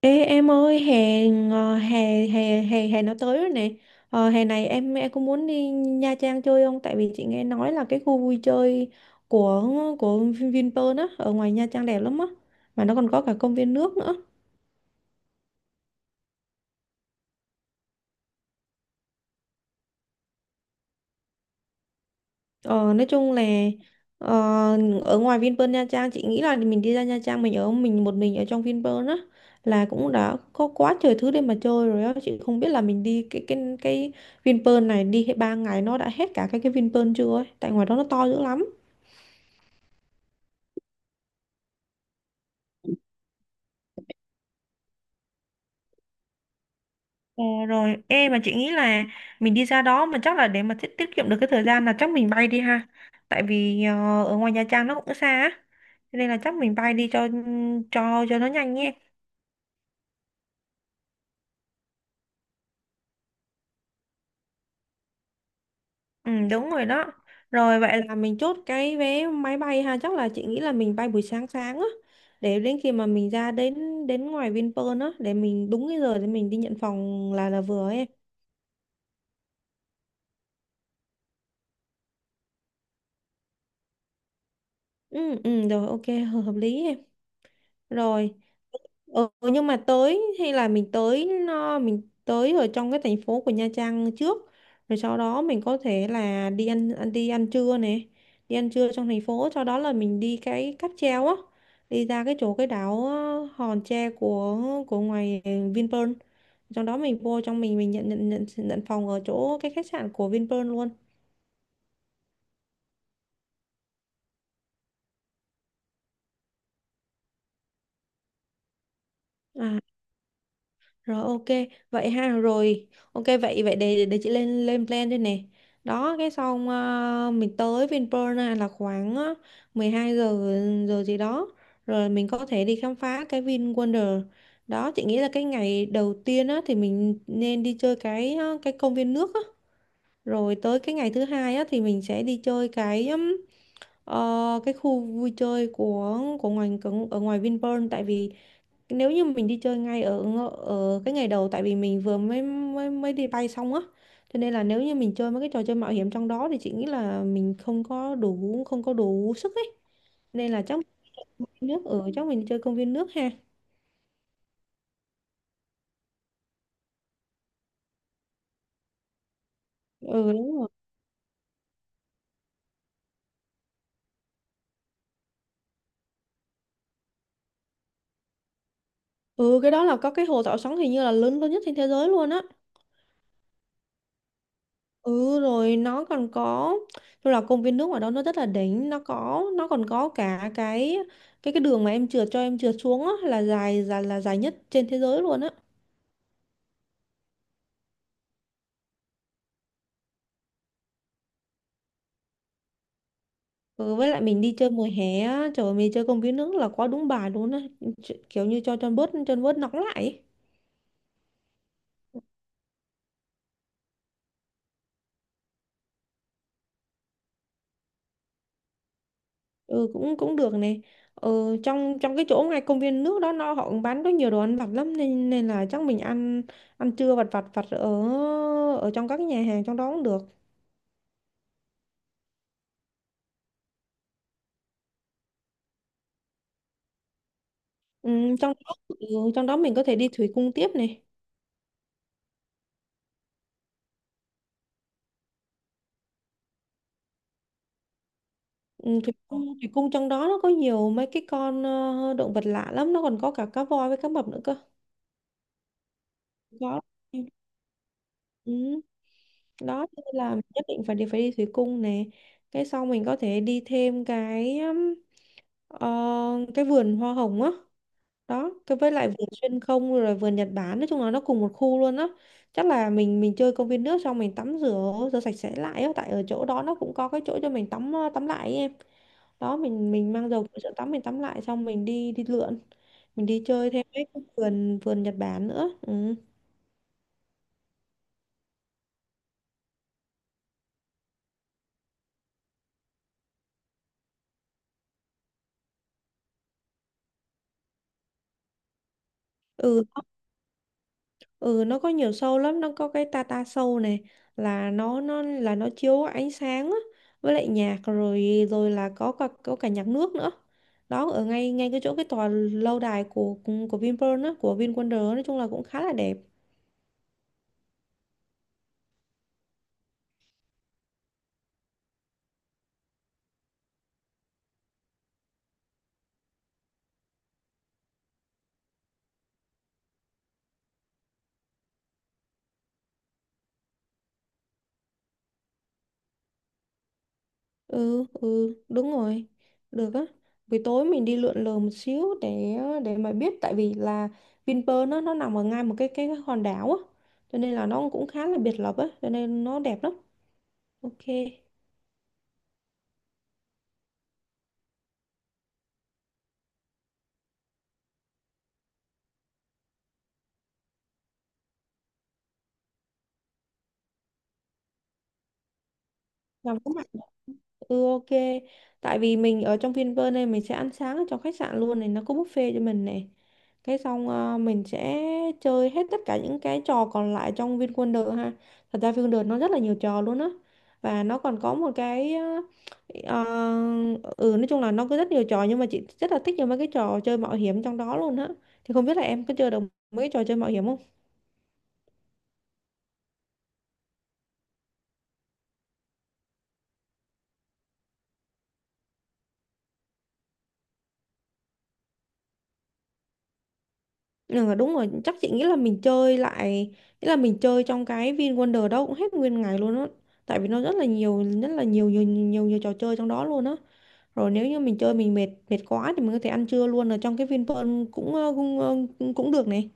Ê, em ơi, hè ngò- hè hè hè hè nó tới rồi nè. Hè này em có muốn đi Nha Trang chơi không? Tại vì chị nghe nói là cái khu vui chơi của của Vinpearl á ở ngoài Nha Trang đẹp lắm á, mà nó còn có cả công viên nước nữa. Ờ, nói chung là ờ, Ở ngoài Vinpearl Nha Trang, chị nghĩ là mình đi ra Nha Trang, mình ở mình một mình ở trong Vinpearl á là cũng đã có quá trời thứ để mà chơi rồi á. Chị không biết là mình đi cái Vinpearl này đi hết ba ngày nó đã hết cả cái Vinpearl chưa ấy, tại ngoài đó nó to dữ lắm. Ờ, rồi em, mà chị nghĩ là mình đi ra đó mà chắc là để mà tiết tiết kiệm được cái thời gian là chắc mình bay đi ha, tại vì ở ngoài Nha Trang nó cũng xa á. Cho nên là chắc mình bay đi cho nó nhanh nhé. Ừ, đúng rồi đó. Rồi vậy là mình chốt cái vé máy bay ha, chắc là chị nghĩ là mình bay buổi sáng sáng á, để đến khi mà mình ra đến đến ngoài Vinpearl á để mình đúng cái giờ để mình đi nhận phòng là vừa ấy em. Ừ rồi ok hợp hợp lý em. Rồi. Ừ, nhưng mà tới, hay là mình tới ở trong cái thành phố của Nha Trang trước, rồi sau đó mình có thể là đi ăn ăn đi ăn trưa này, đi ăn trưa trong thành phố, sau đó là mình đi cái cáp treo á, đi ra cái chỗ cái đảo Hòn Tre của ngoài Vinpearl, sau đó mình vô trong, mình nhận nhận nhận nhận phòng ở chỗ cái khách sạn của Vinpearl luôn. À, rồi ok, vậy ha, rồi. Ok, vậy vậy để chị lên lên plan đây nè. Đó, cái xong mình tới Vinpearl á, là khoảng 12 giờ giờ gì đó. Rồi mình có thể đi khám phá cái Vin Wonder. Đó, chị nghĩ là cái ngày đầu tiên á thì mình nên đi chơi cái công viên nước á. Rồi tới cái ngày thứ hai á thì mình sẽ đi chơi cái ờ, cái khu vui chơi của ngoài ở ngoài Vinpearl, tại vì nếu như mình đi chơi ngay ở cái ngày đầu, tại vì mình vừa mới mới mới đi bay xong á, cho nên là nếu như mình chơi mấy cái trò chơi mạo hiểm trong đó thì chị nghĩ là mình không có đủ sức ấy. Nên là chắc mình đi nước ở chắc mình đi chơi công viên nước ha. Ừ đúng rồi. Ừ, cái đó là có cái hồ Thảo Sóng, hình như là lớn lớn nhất trên thế giới luôn á. Ừ, rồi nó còn có, tức là công viên nước ở đó nó rất là đỉnh, nó có, nó còn có cả cái đường mà em trượt, cho em trượt xuống á, là dài dài là dài nhất trên thế giới luôn á. Ừ, với lại mình đi chơi mùa hè á, trời ơi, mình đi chơi công viên nước là quá đúng bài luôn á, kiểu như cho chân bớt nóng lại ấy. Ừ, cũng cũng được này. Ừ, trong trong cái chỗ ngay công viên nước đó nó họ cũng bán có nhiều đồ ăn vặt lắm, nên nên là chắc mình ăn ăn trưa vặt vặt vặt ở ở trong các nhà hàng trong đó cũng được. Ừ, trong đó trong đó mình có thể đi thủy cung tiếp này. Ừ, thủy cung trong đó nó có nhiều mấy cái con động vật lạ lắm, nó còn có cả cá voi với cá mập nữa cơ. Có. Ừ. Đó, thế nên là nhất định phải đi, thủy cung nè, cái sau mình có thể đi thêm cái ờ, cái vườn hoa hồng á. Đó, cái với lại vườn xuyên không rồi vườn Nhật Bản, nói chung là nó cùng một khu luôn á. Chắc là mình chơi công viên nước xong mình tắm rửa, sạch sẽ lại á, tại ở chỗ đó nó cũng có cái chỗ cho mình tắm, tắm lại ấy em. Đó, mình mang dầu của chỗ tắm, mình tắm lại xong mình đi đi lượn, mình đi chơi thêm cái vườn vườn Nhật Bản nữa. Ừ ừ. Ừ nó có nhiều show lắm, nó có cái Tata show này, là nó chiếu ánh sáng á, với lại nhạc, rồi rồi là có cả nhạc nước nữa. Đó, ở ngay ngay cái chỗ cái tòa lâu đài của Vinpearl á, của VinWonder á, nói chung là cũng khá là đẹp. Ừ đúng rồi. Được á. Buổi tối mình đi lượn lờ một xíu, để mà biết, tại vì là Vinpearl nó nằm ở ngay một cái hòn đảo á, cho nên là nó cũng khá là biệt lập á, cho nên nó đẹp lắm. Ok. Làm cũng... Ừ ok. Tại vì mình ở trong Vinpearl này, mình sẽ ăn sáng ở trong khách sạn luôn này, nó có buffet cho mình này. Cái xong mình sẽ chơi hết tất cả những cái trò còn lại trong VinWonder ha. Thật ra VinWonder nó rất là nhiều trò luôn á. Và nó còn có một cái ờ, ừ, nói chung là nó có rất nhiều trò. Nhưng mà chị rất là thích những mấy cái trò chơi mạo hiểm trong đó luôn á. Thì không biết là em có chơi được mấy cái trò chơi mạo hiểm không? Ừ, đúng rồi, chắc chị nghĩ là mình chơi lại, nghĩa là mình chơi trong cái Vin Wonder đó cũng hết nguyên ngày luôn á. Tại vì nó rất là nhiều, rất là nhiều trò chơi trong đó luôn á. Rồi nếu như mình chơi mình mệt mệt quá thì mình có thể ăn trưa luôn ở trong cái Vinpearl cũng ờ, cũng ờ, cũng cũng được này.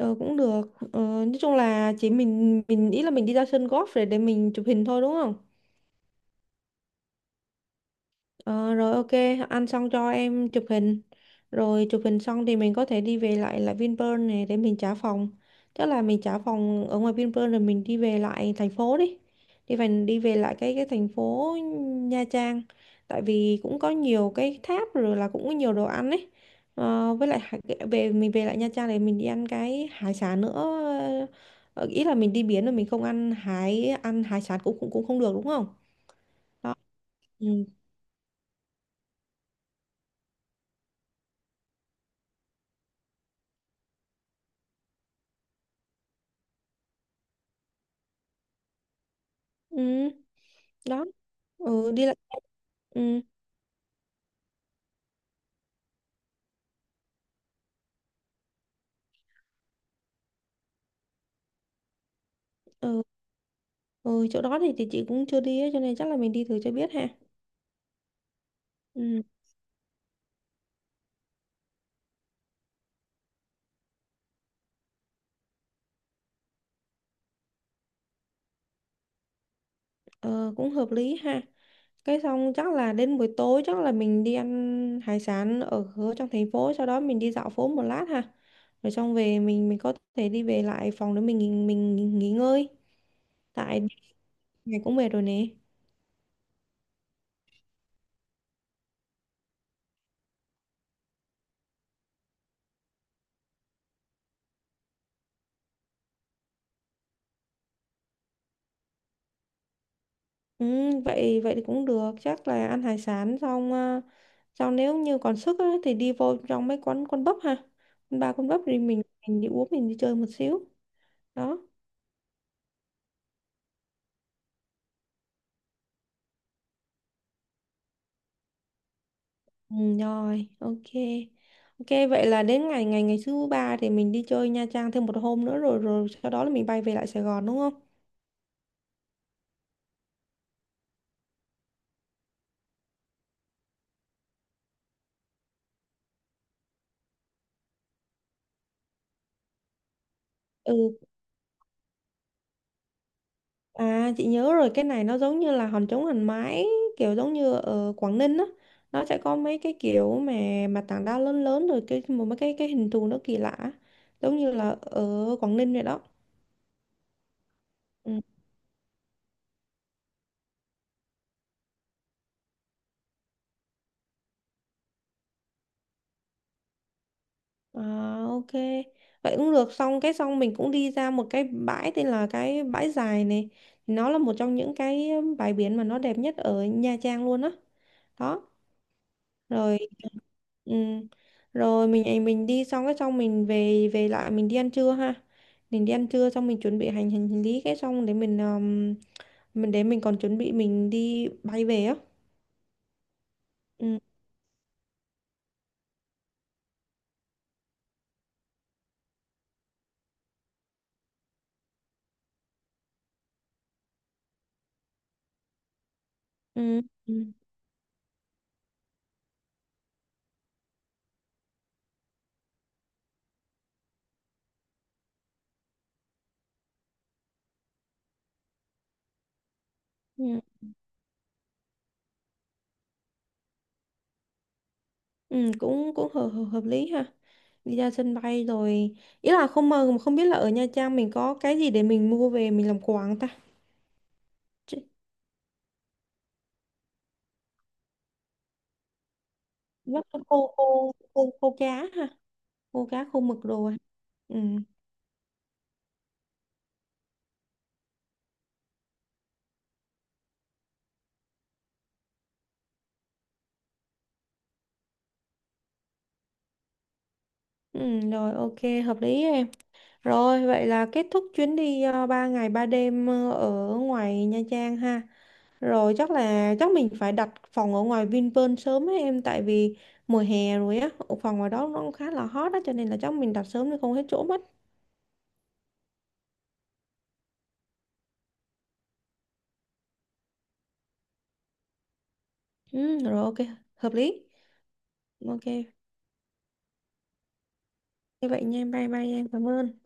Ờ, cũng được. Ờ, nói chung là chỉ mình nghĩ là mình đi ra sân golf để mình chụp hình thôi đúng không? Ờ, rồi ok, ăn xong cho em chụp hình. Rồi chụp hình xong thì mình có thể đi về lại lại Vinpearl này để mình trả phòng. Chắc là mình trả phòng ở ngoài Vinpearl rồi mình đi về lại thành phố đi. Đi về, đi về lại cái thành phố Nha Trang. Tại vì cũng có nhiều cái tháp, rồi là cũng có nhiều đồ ăn ấy. Ờ, với lại hải- Về, mình về lại Nha Trang để mình đi ăn cái hải sản nữa. Ờ, ý là mình đi biển rồi mình không ăn hải sản cũng cũng cũng không được đúng không? Đó. Ừ. Ừ. Đó. Ừ đi lại. Ừ. Ừ. Ừ chỗ đó thì chị cũng chưa đi á, cho nên chắc là mình đi thử cho biết ha. Ừ. Ờ, cũng hợp lý ha. Cái xong chắc là đến buổi tối chắc là mình đi ăn hải sản ở ở trong thành phố, sau đó mình đi dạo phố một lát ha, rồi xong về mình có thể đi về lại phòng để mình nghỉ ngơi, tại ngày cũng về rồi nè. Ừ, vậy vậy thì cũng được, chắc là ăn hải sản xong à, xong nếu như còn sức á, thì đi vô trong mấy quán quán bắp ha, quán bar quán bắp thì mình đi uống, mình đi chơi một xíu. Đó, ừ, rồi ok. Ok vậy là đến ngày ngày ngày thứ ba thì mình đi chơi Nha Trang thêm một hôm nữa, rồi rồi sau đó là mình bay về lại Sài Gòn đúng không? Ừ. À chị nhớ rồi, cái này nó giống như là hòn trống hòn mái, kiểu giống như ở Quảng Ninh á, nó sẽ có mấy cái kiểu mà tảng đá lớn lớn rồi cái một mấy cái hình thù nó kỳ lạ, giống như là ở Quảng Ninh vậy đó. Ừ. À, ok vậy cũng được, xong cái xong mình cũng đi ra một cái bãi tên là cái bãi dài này, nó là một trong những cái bãi biển mà nó đẹp nhất ở Nha Trang luôn á. Đó. Rồi. Ừ, rồi mình đi xong cái xong mình về về lại mình đi ăn trưa ha. Mình đi ăn trưa xong mình chuẩn bị hành hành lý cái xong để mình để mình còn chuẩn bị mình đi bay về á. ừ, ừ, ừ, ừ, ừ, cũng cũng hợp, hợp hợp lý ha. Đi ra sân bay rồi, ý là không mơ mà không biết là ở Nha Trang mình có cái gì để mình mua về mình làm quà không ta. Chứ- Chắc là khô khô khô khô cá ha, khô cá khô mực đồ ha. Ừ. Ừ rồi ok, hợp lý em. Rồi, vậy là kết thúc chuyến đi 3 ngày 3 đêm ở ngoài Nha Trang ha. Rồi chắc là mình phải đặt phòng ở ngoài Vinpearl sớm ấy em, tại vì mùa hè rồi á, phòng ngoài đó nó cũng khá là hot á, cho nên là chắc mình đặt sớm thì không hết chỗ mất. Ừ, rồi ok, hợp lý. Ok, như vậy nha, bye bye em, cảm ơn.